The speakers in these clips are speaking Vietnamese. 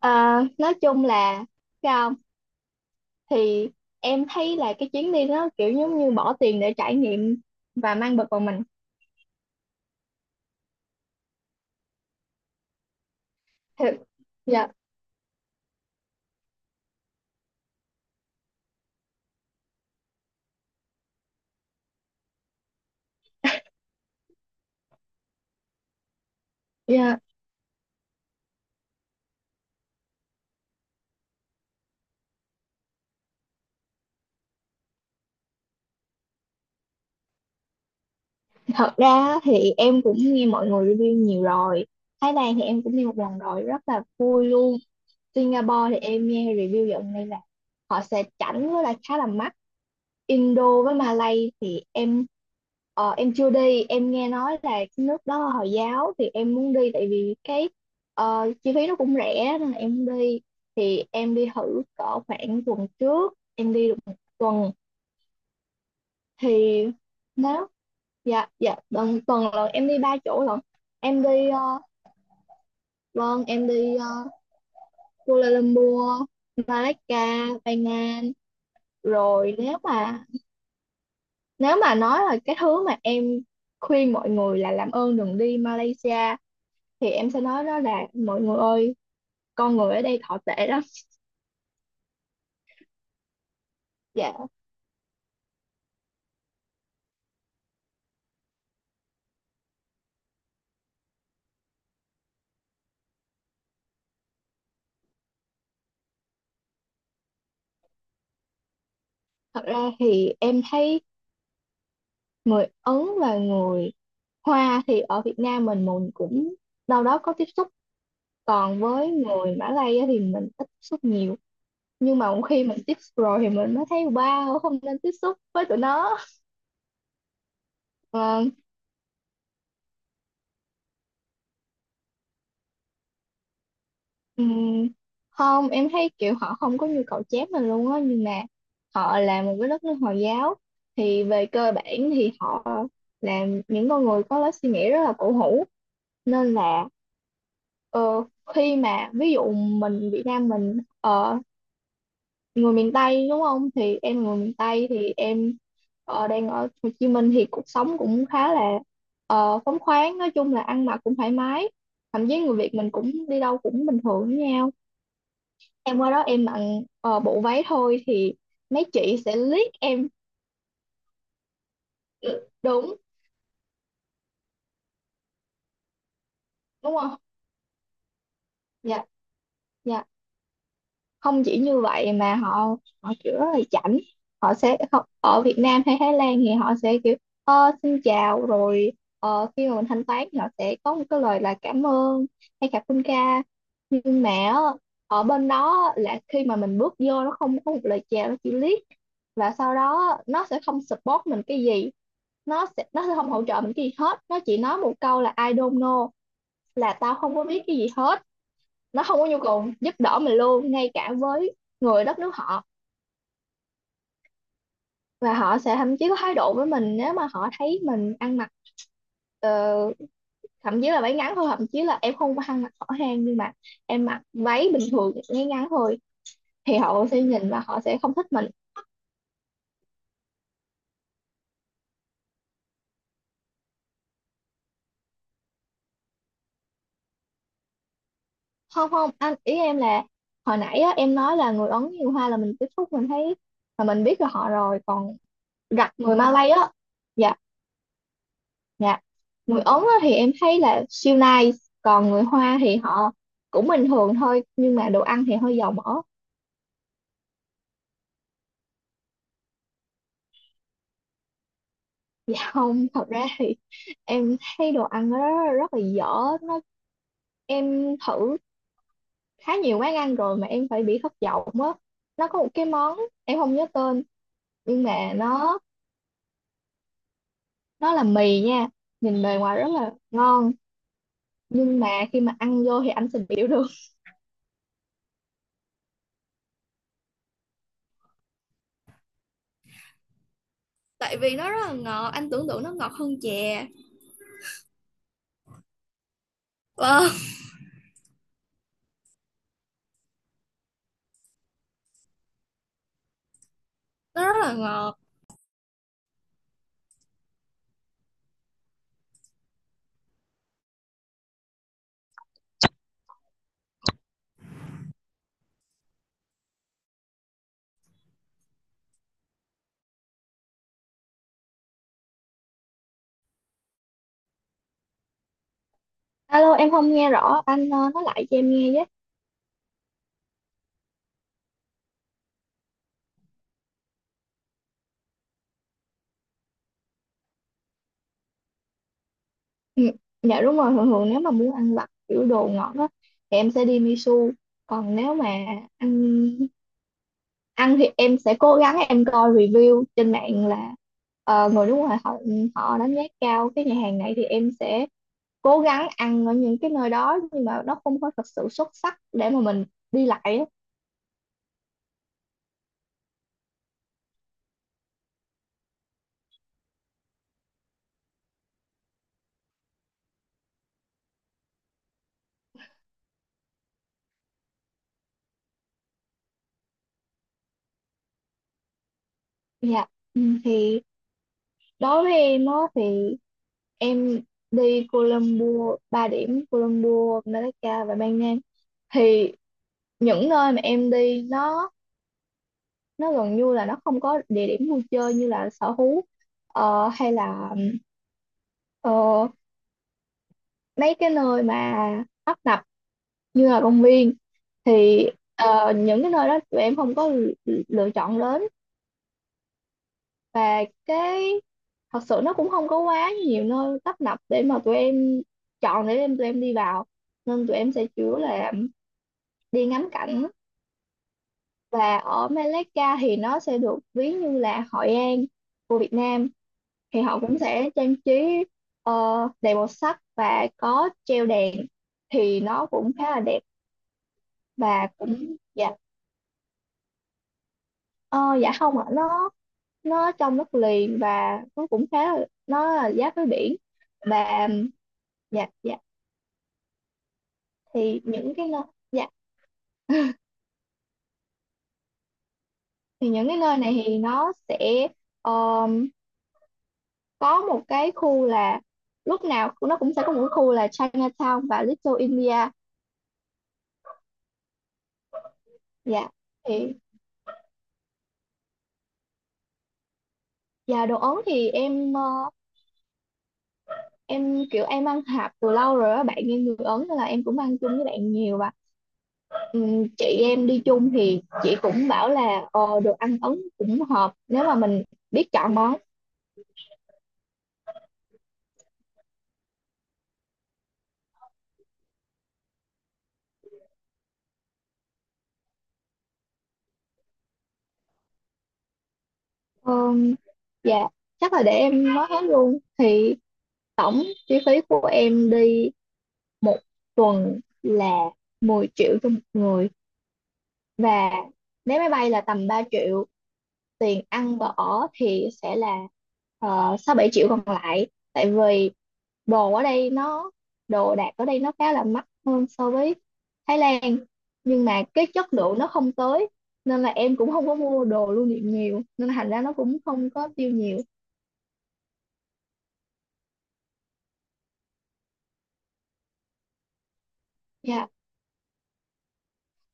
À, nói chung là sao không? Thì em thấy là cái chuyến đi đó kiểu giống như bỏ tiền để trải nghiệm và mang bực vào mình thật. Dạ dạ. Thật ra á, thì em cũng nghe mọi người review nhiều rồi. Thái Lan thì em cũng đi một lần rồi rất là vui luôn. Singapore thì em nghe review dạo này là họ sẽ chảnh với lại khá là mắc. Indo với Malay thì em chưa đi, em nghe nói là cái nước đó là Hồi giáo thì em muốn đi, tại vì cái chi phí nó cũng rẻ nên là em muốn đi. Thì em đi thử cỡ khoảng tuần trước, em đi được một tuần. Thì nếu, dạ dạ, tuần tuần lần em đi ba chỗ lận. Em đi, vâng, Kuala Lumpur, Malacca, Penang. Rồi nếu mà nói là cái thứ mà em khuyên mọi người là làm ơn đừng đi Malaysia, thì em sẽ nói đó là mọi người ơi, con người ở đây thọ tệ lắm. Dạ. Thật ra thì em thấy người Ấn và người Hoa thì ở Việt Nam mình cũng đâu đó có tiếp xúc, còn với người Mã Lai á thì mình ít tiếp xúc nhiều, nhưng mà khi mình tiếp xúc rồi thì mình mới thấy wow, không nên tiếp xúc với tụi nó. Ờ, Ừm, Không, em thấy kiểu họ không có nhu cầu chép mình luôn á, nhưng mà họ là một cái đất nước Hồi giáo, thì về cơ bản thì họ là những con người có lối suy nghĩ rất là cổ hủ, nên là ờ, khi mà ví dụ mình Việt Nam mình, người miền Tây đúng không, thì em, người miền Tây thì em đang ở Hồ Chí Minh, thì cuộc sống cũng khá là phóng khoáng, nói chung là ăn mặc cũng thoải mái, thậm chí người Việt mình cũng đi đâu cũng bình thường với nhau. Em qua đó em mặc bộ váy thôi thì mấy chị sẽ liếc em. Ừ, đúng. Đúng không? Dạ dạ. Không chỉ như vậy mà họ họ kiểu rất là chảnh. Ở Việt Nam hay Thái Lan thì họ sẽ kiểu xin chào rồi, khi mà mình thanh toán thì họ sẽ có một cái lời là cảm ơn hay cảm ơn ca. Nhưng mà á, ở bên đó là khi mà mình bước vô, nó không có một lời chào, nó chỉ liếc, và sau đó nó sẽ không support mình cái gì, nó sẽ không hỗ trợ mình cái gì hết, nó chỉ nói một câu là I don't know, là tao không có biết cái gì hết. Nó không có nhu cầu giúp đỡ mình luôn, ngay cả với người đất nước họ. Và họ sẽ thậm chí có thái độ với mình nếu mà họ thấy mình ăn mặc ờ, thậm chí là váy ngắn thôi, thậm chí là em không có ăn mặc hở hang, nhưng mà em mặc váy bình thường, váy ngắn thôi, thì họ sẽ nhìn và họ sẽ không thích mình. Không không, anh ý em là hồi nãy á, em nói là người Ấn nhiều hoa là mình tiếp xúc mình thấy, mà mình biết là họ rồi, còn Giặt người Malay á. Dạ dạ. Người Ấn á, thì em thấy là siêu nice, còn người Hoa thì họ cũng bình thường thôi, nhưng mà đồ ăn thì hơi dầu mỡ. Dạ không, thật ra thì em thấy đồ ăn nó rất là dở. nó em thử khá nhiều quán ăn rồi mà em phải bị thất vọng á. Nó có một cái món em không nhớ tên, nhưng mà nó là mì nha, nhìn bề ngoài rất là ngon nhưng mà khi mà ăn vô thì anh sẽ biểu được. Tại vì nó rất là ngọt, anh tưởng tượng nó ngọt hơn chè, nó rất là ngọt. Alo, em không nghe rõ, anh nói lại cho em nghe với. Ừ, dạ đúng rồi, thường thường nếu mà muốn ăn vặt kiểu đồ ngọt á, thì em sẽ đi Misu. Còn nếu mà ăn ăn thì em sẽ cố gắng em coi review trên mạng là người nước ngoài họ họ đánh giá cao cái nhà hàng này, thì em sẽ cố gắng ăn ở những cái nơi đó, nhưng mà nó không có thật sự xuất sắc để mà mình đi lại á. Dạ. Ừ, thì đối với em á thì em đi Colombo, 3 điểm Colombo, Malaga và Ban Nang. Thì những nơi mà em đi nó gần như là nó không có địa điểm vui chơi như là sở thú, hay là ờ, mấy cái nơi mà tấp nập như là công viên, thì những cái nơi đó tụi em không có lựa chọn đến. Và cái, thật sự nó cũng không có quá nhiều nơi tấp nập để mà tụi em chọn để tụi em đi vào, nên tụi em sẽ chủ yếu là đi ngắm cảnh. Và ở Malacca thì nó sẽ được ví như là Hội An của Việt Nam, thì họ cũng sẽ trang trí ờ, đầy màu sắc và có treo đèn, thì nó cũng khá là đẹp. Và cũng dạ, ờ, dạ không ạ, nó trong đất liền và nó cũng khá là, nó là giáp với biển và, dạ dạ, thì những cái nơi dạ thì những cái nơi này thì nó sẽ ờ, có một cái khu là, lúc nào nó cũng sẽ có một cái khu là Chinatown và Little India. Dạ, thì, dạ, đồ Ấn thì em kiểu em ăn hạp từ lâu rồi á, bạn em người Ấn nên là em cũng ăn chung với bạn nhiều, và chị em đi chung thì chị cũng bảo là đồ ăn Ấn cũng hợp nếu mà mình biết chọn món. Ờm, dạ chắc là để em nói hết luôn thì tổng chi phí của em đi một tuần là 10 triệu cho một người, và vé máy bay là tầm 3 triệu, tiền ăn và ở thì sẽ là 6-7 triệu còn lại, tại vì đồ ở đây nó đồ đạc ở đây nó khá là mắc hơn so với Thái Lan, nhưng mà cái chất lượng nó không tới, nên là em cũng không có mua đồ lưu niệm nhiều, nên là thành ra nó cũng không có tiêu nhiều. Dạ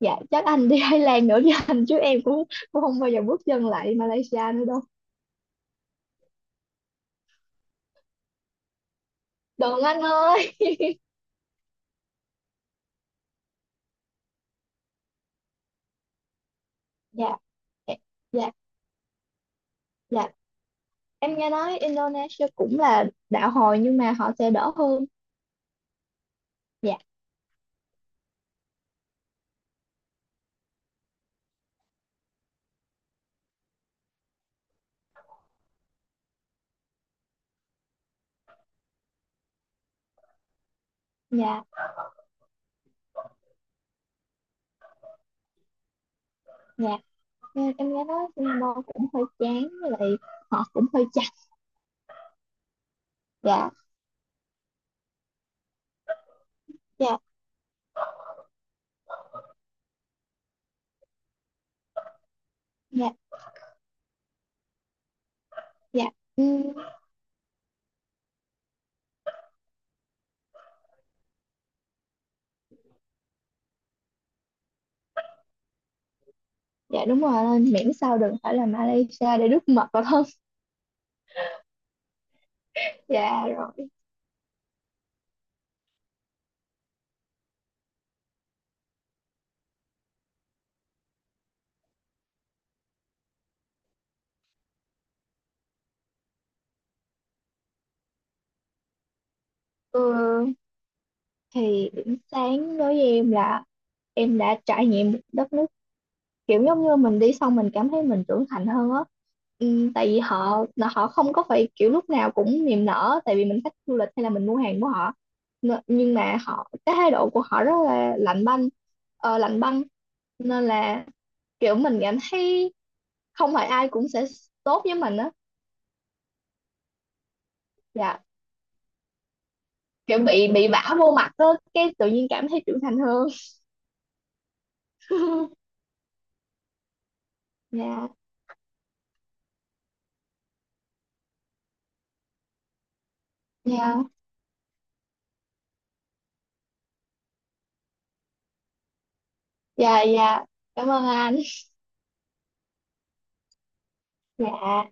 dạ, chắc anh đi Thái Lan nữa với anh chứ em cũng cũng không bao giờ bước chân lại Malaysia nữa đâu. Đừng anh ơi. Dạ dạ dạ dạ. Em nghe nói Indonesia cũng là đạo hồi, nhưng mà họ sẽ đỡ hơn. Dạ, dạ, dạ. Em nghe nói Singapore cũng hơi chán, với lại họ cũng hơi chặt. Dạ, dạ, dạ, dạ. Ừm, dạ đúng rồi, nên miễn sao đừng phải là Malaysia để đứt mật vào thân. Dạ rồi. Ừ, thì điểm sáng đối với em là em đã trải nghiệm một đất nước, kiểu giống như mình đi xong mình cảm thấy mình trưởng thành hơn á. Ừ, tại vì họ là họ không có phải kiểu lúc nào cũng niềm nở tại vì mình khách du lịch hay là mình mua hàng của họ. Nhưng mà cái thái độ của họ rất là lạnh banh, lạnh băng, nên là kiểu mình cảm thấy không phải ai cũng sẽ tốt với mình á. Dạ, kiểu bị vả vô mặt á, cái tự nhiên cảm thấy trưởng thành hơn. dạ dạ dạ dạ, cảm ơn anh, dạ.